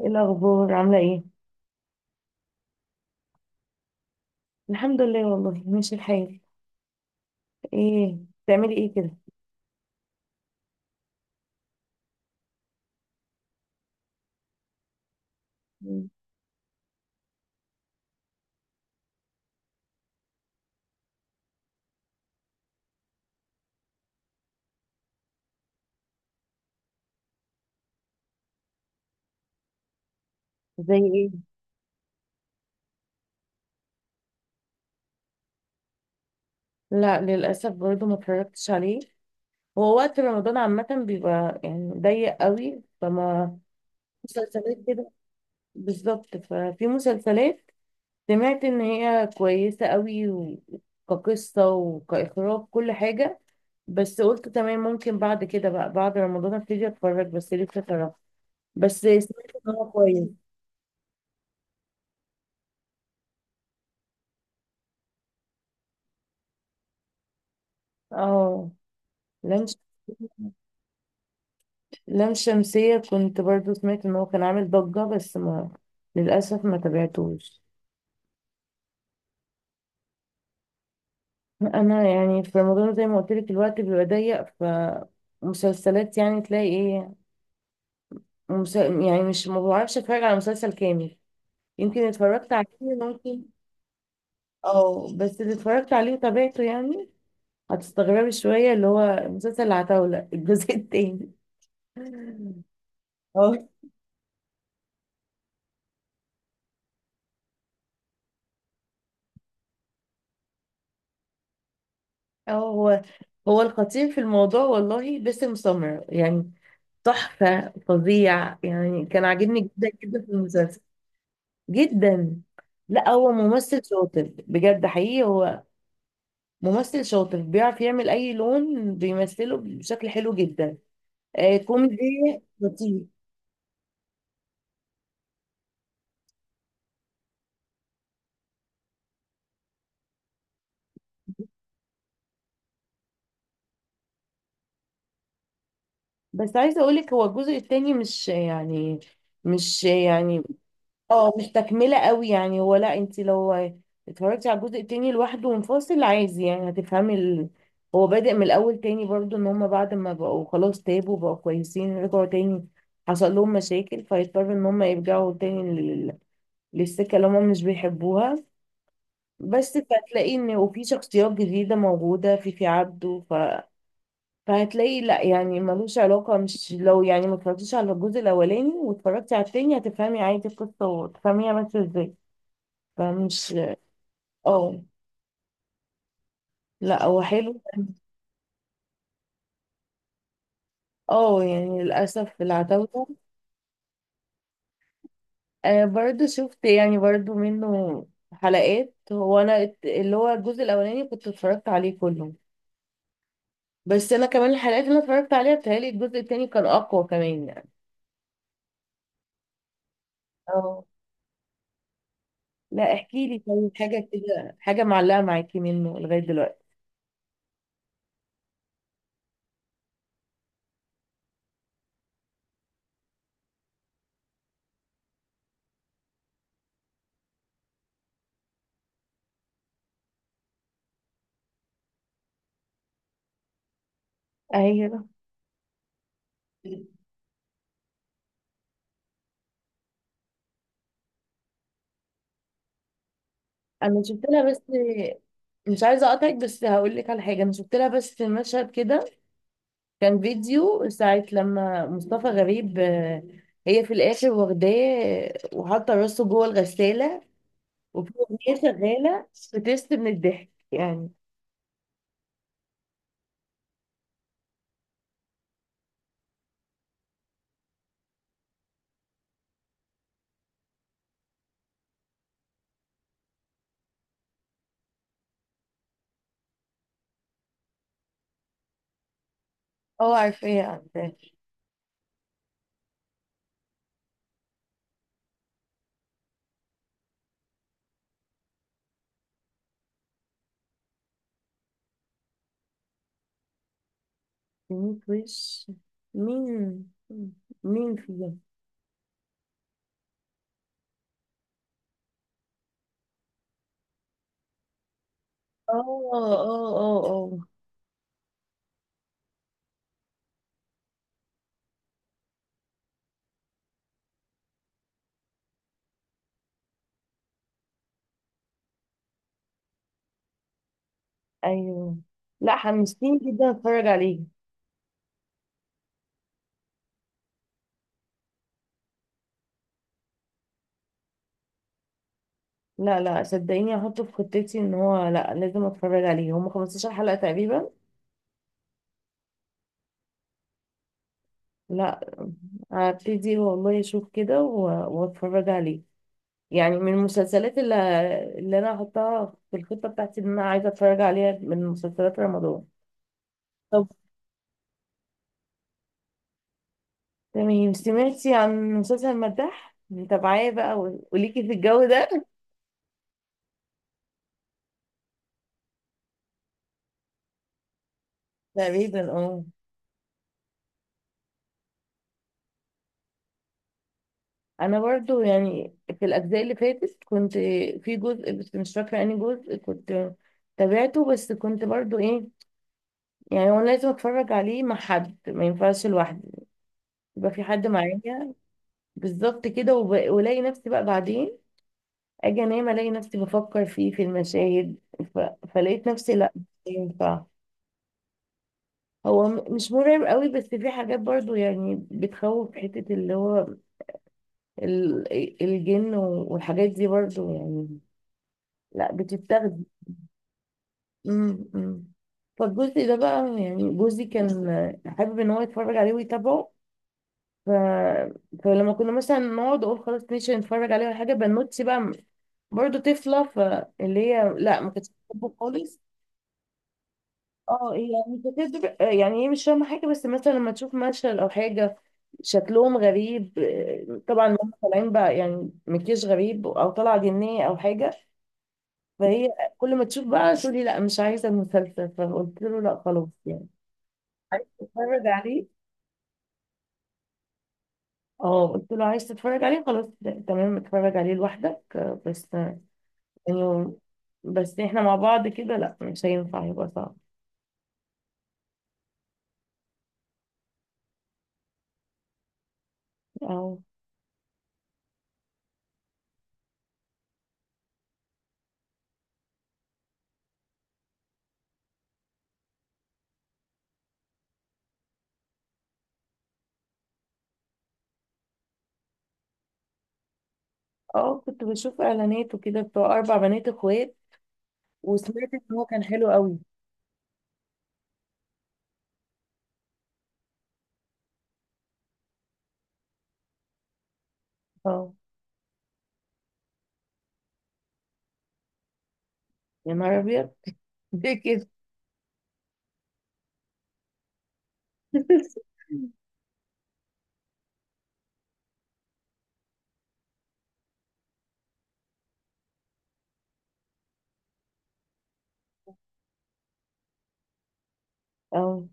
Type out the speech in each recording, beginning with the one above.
ايه الاخبار؟ عامله ايه؟ الحمد لله والله ماشي الحال. ايه؟ بتعملي ايه كده؟ مم. زي ايه؟ لا للاسف برضه ما اتفرجتش عليه. هو وقت رمضان عامه بيبقى يعني ضيق قوي، فما مسلسلات كده. بالظبط، ففي مسلسلات سمعت ان هي كويسه قوي كقصه وكاخراج كل حاجه، بس قلت تمام، ممكن بعد كده بقى، بعد رمضان ابتدي اتفرج، بس لسه صراحه. بس سمعت ان هو كويس. اه، لانش. لام شمسية كنت برضو سمعت ان هو كان عامل ضجة، بس ما، للأسف ما تابعتوش. انا يعني في رمضان زي ما قلت لك الوقت بيبقى ضيق، فمسلسلات يعني تلاقي ايه؟ يعني مش، ما بعرفش اتفرج على مسلسل كامل. يمكن اتفرجت عليه ممكن. اه، بس اللي اتفرجت عليه وتابعته يعني، هتستغربي شوية، اللي هو مسلسل العتاولة الجزء التاني. اه. اه، هو الخطير في الموضوع والله باسم سمرة، يعني تحفة فظيع، يعني كان عاجبني جدا جدا في المسلسل جدا. لا هو ممثل شاطر بجد، حقيقي هو ممثل شاطر، بيعرف يعمل أي لون بيمثله بشكل حلو جدا. آه، كوميدي لطيف. بس عايزة أقولك، هو الجزء التاني مش يعني، مش يعني اه مش تكملة قوي يعني. هو لا، انت لو اتفرجتي على الجزء التاني لوحده منفصل، عايز يعني، هو بادئ من الاول تاني برضو، ان هما بعد ما بقوا خلاص تابوا بقوا كويسين رجعوا تاني، حصل لهم مشاكل فيضطروا ان هما يرجعوا تاني للسكة اللي هما مش بيحبوها. بس، فتلاقي ان وفي شخصيات جديدة موجودة في عبده. فهتلاقي لا يعني ملوش علاقة. مش لو يعني ما اتفرجتيش على الجزء الاولاني واتفرجتي على التاني هتفهمي عادي القصة وتفهميها ماشية ازاي. فمش. اه، لا هو حلو. اه، يعني للأسف العتاولة. آه برضو شفت يعني برضو منه حلقات. هو أنا اللي هو الجزء الأولاني كنت اتفرجت عليه كله. بس أنا كمان الحلقات اللي أنا اتفرجت عليها بتهيألي الجزء التاني كان أقوى كمان يعني. اه. لا احكي لي طيب حاجة كده، حاجة معلقة معاكي منه لغاية دلوقتي. ايوه، أنا شفت لها بس، مش عايزة أقطعك بس هقول لك على حاجة. أنا شفت لها بس مشهد كده، كان فيديو ساعة لما مصطفى غريب هي في الآخر واخداه وحاطة راسه جوه الغسالة وفي أغنية شغالة، بتست من الضحك يعني. اه، عارفاها. مين وش؟ مين؟ مين فيهم؟ اه اه اه. اه، ايوه. لا حمستيني جدا اتفرج عليه. لا صدقيني هحطه في خطتي، ان هو لا لازم اتفرج عليه. هم 15 حلقة تقريبا. لا، هبتدي والله اشوف كده واتفرج عليه. يعني من المسلسلات اللي، اللي انا هحطها في الخطة بتاعتي، ان انا عايزة اتفرج عليها من مسلسلات رمضان. طب تمام، سمعتي عن مسلسل المداح؟ متابعاه بقى وليكي في الجو ده؟ تقريبا اه. انا برضو يعني في الاجزاء اللي فاتت كنت، في جزء بس مش فاكره اني جزء كنت تابعته، بس كنت برضو ايه، يعني هو لازم اتفرج عليه مع حد، ما ينفعش لوحدي، يبقى في حد معايا. بالظبط كده، والاقي نفسي بقى بعدين، اجي انام الاقي نفسي بفكر فيه في المشاهد، ف... فلقيت نفسي لا مش ينفع. هو مش مرعب قوي، بس في حاجات برضو يعني بتخوف، حتة اللي هو ال... الجن والحاجات دي برضو يعني، لا بتتاخد. م- م. فالجزء ده بقى، يعني جوزي كان حابب ان هو يتفرج عليه ويتابعه. ف... فلما كنا مثلا نقعد اقول خلاص ماشي نتفرج عليه ولا حاجه، بنوتي بقى برضه طفله، فاللي هي لا ما كانتش بتحبه خالص. اه يعني، يعني هي مش فاهمه حاجه، بس مثلا لما تشوف مشهد او حاجه شكلهم غريب، آه، طبعا هم طالعين بقى يعني مكياج غريب او طالعه جنيه او حاجه. فهي كل ما تشوف بقى تقولي لا مش عايزه المسلسل. فقلت له لا خلاص يعني، عايز تتفرج عليه. اه قلت له عايز تتفرج عليه خلاص، لا، تمام اتفرج عليه لوحدك، آه، بس إنه، بس إحنا مع بعض كده لأ مش هينفع، يبقى صعب. أه. أه، كنت بشوف إعلانات وكده بتوع أربع بنات إخوات، وسمعت إن هو كان حلو قوي. أه. يا نهار أبيض، ليه كده؟ أه.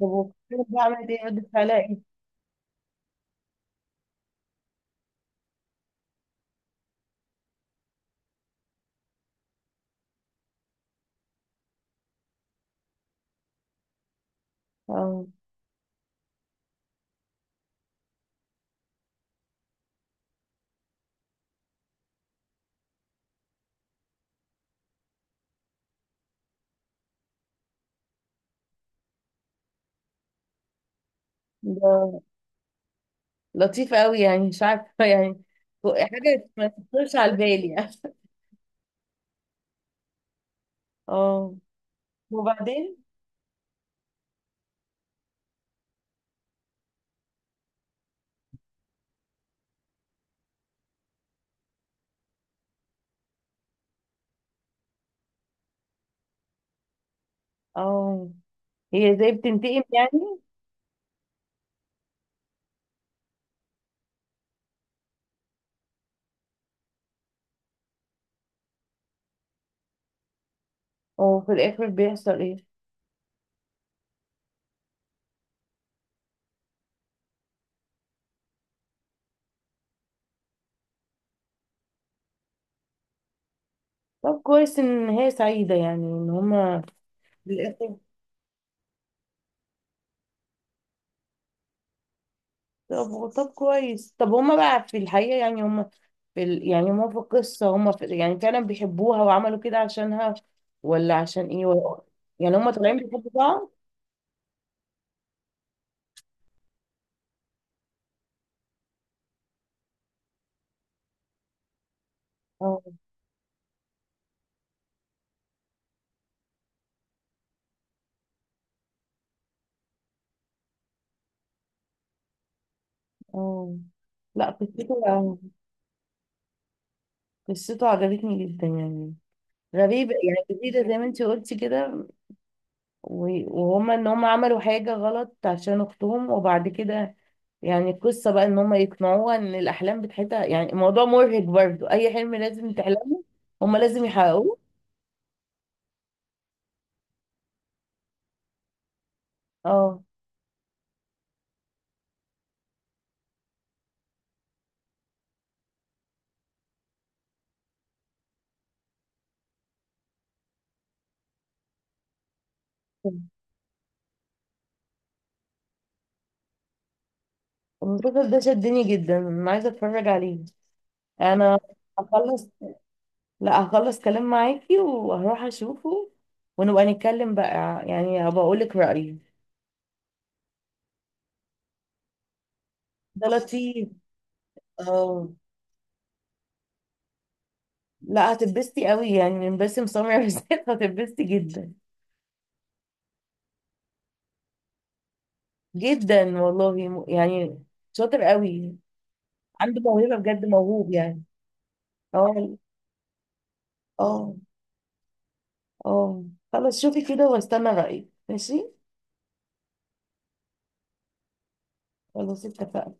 طب وكنت بعمل إيه؟ رد فعلها إيه؟ أه. ده لطيف قوي يعني، مش عارفة يعني، حاجة ما تخطرش على البال يعني. أه. وبعدين؟ أه. هي زي بتنتقم يعني. وفي الآخر بيحصل إيه؟ طب كويس ان هي سعيدة يعني، ان هما في الاخر. طب، طب كويس هما بقى في الحقيقة يعني، هما يعني هما في القصة هما في... يعني فعلا بيحبوها وعملوا كده عشانها، ولا عشان ايه ولا... يعني هما طالعين بيحبوا بعض. اه اه. لا قصته، قصته عجبتني جدا يعني. غريبة، يعني جديدة زي ما انتي قلتي كده. وهما ان هما عملوا حاجة غلط عشان اختهم، وبعد كده يعني القصة بقى ان هم يقنعوها ان الاحلام بتاعتها، يعني الموضوع مرهق برضو، اي حلم لازم تحلمه هم لازم يحققوه. اه. المسلسل ده شدني جدا، انا عايزة اتفرج عليه. انا هخلص، لا هخلص كلام معاكي وهروح اشوفه، ونبقى نتكلم بقى، يعني هبقى اقولك رأيي. ده لطيف. اه. لا هتتبسطي قوي يعني، من باسم سمرة بالذات هتتبسطي جدا. جدا والله يعني، شاطر قوي، عنده موهبة بجد، موهوب يعني. اه اه اه. خلاص شوفي كده واستنى رأيك، ماشي؟ خلاص اتفقنا.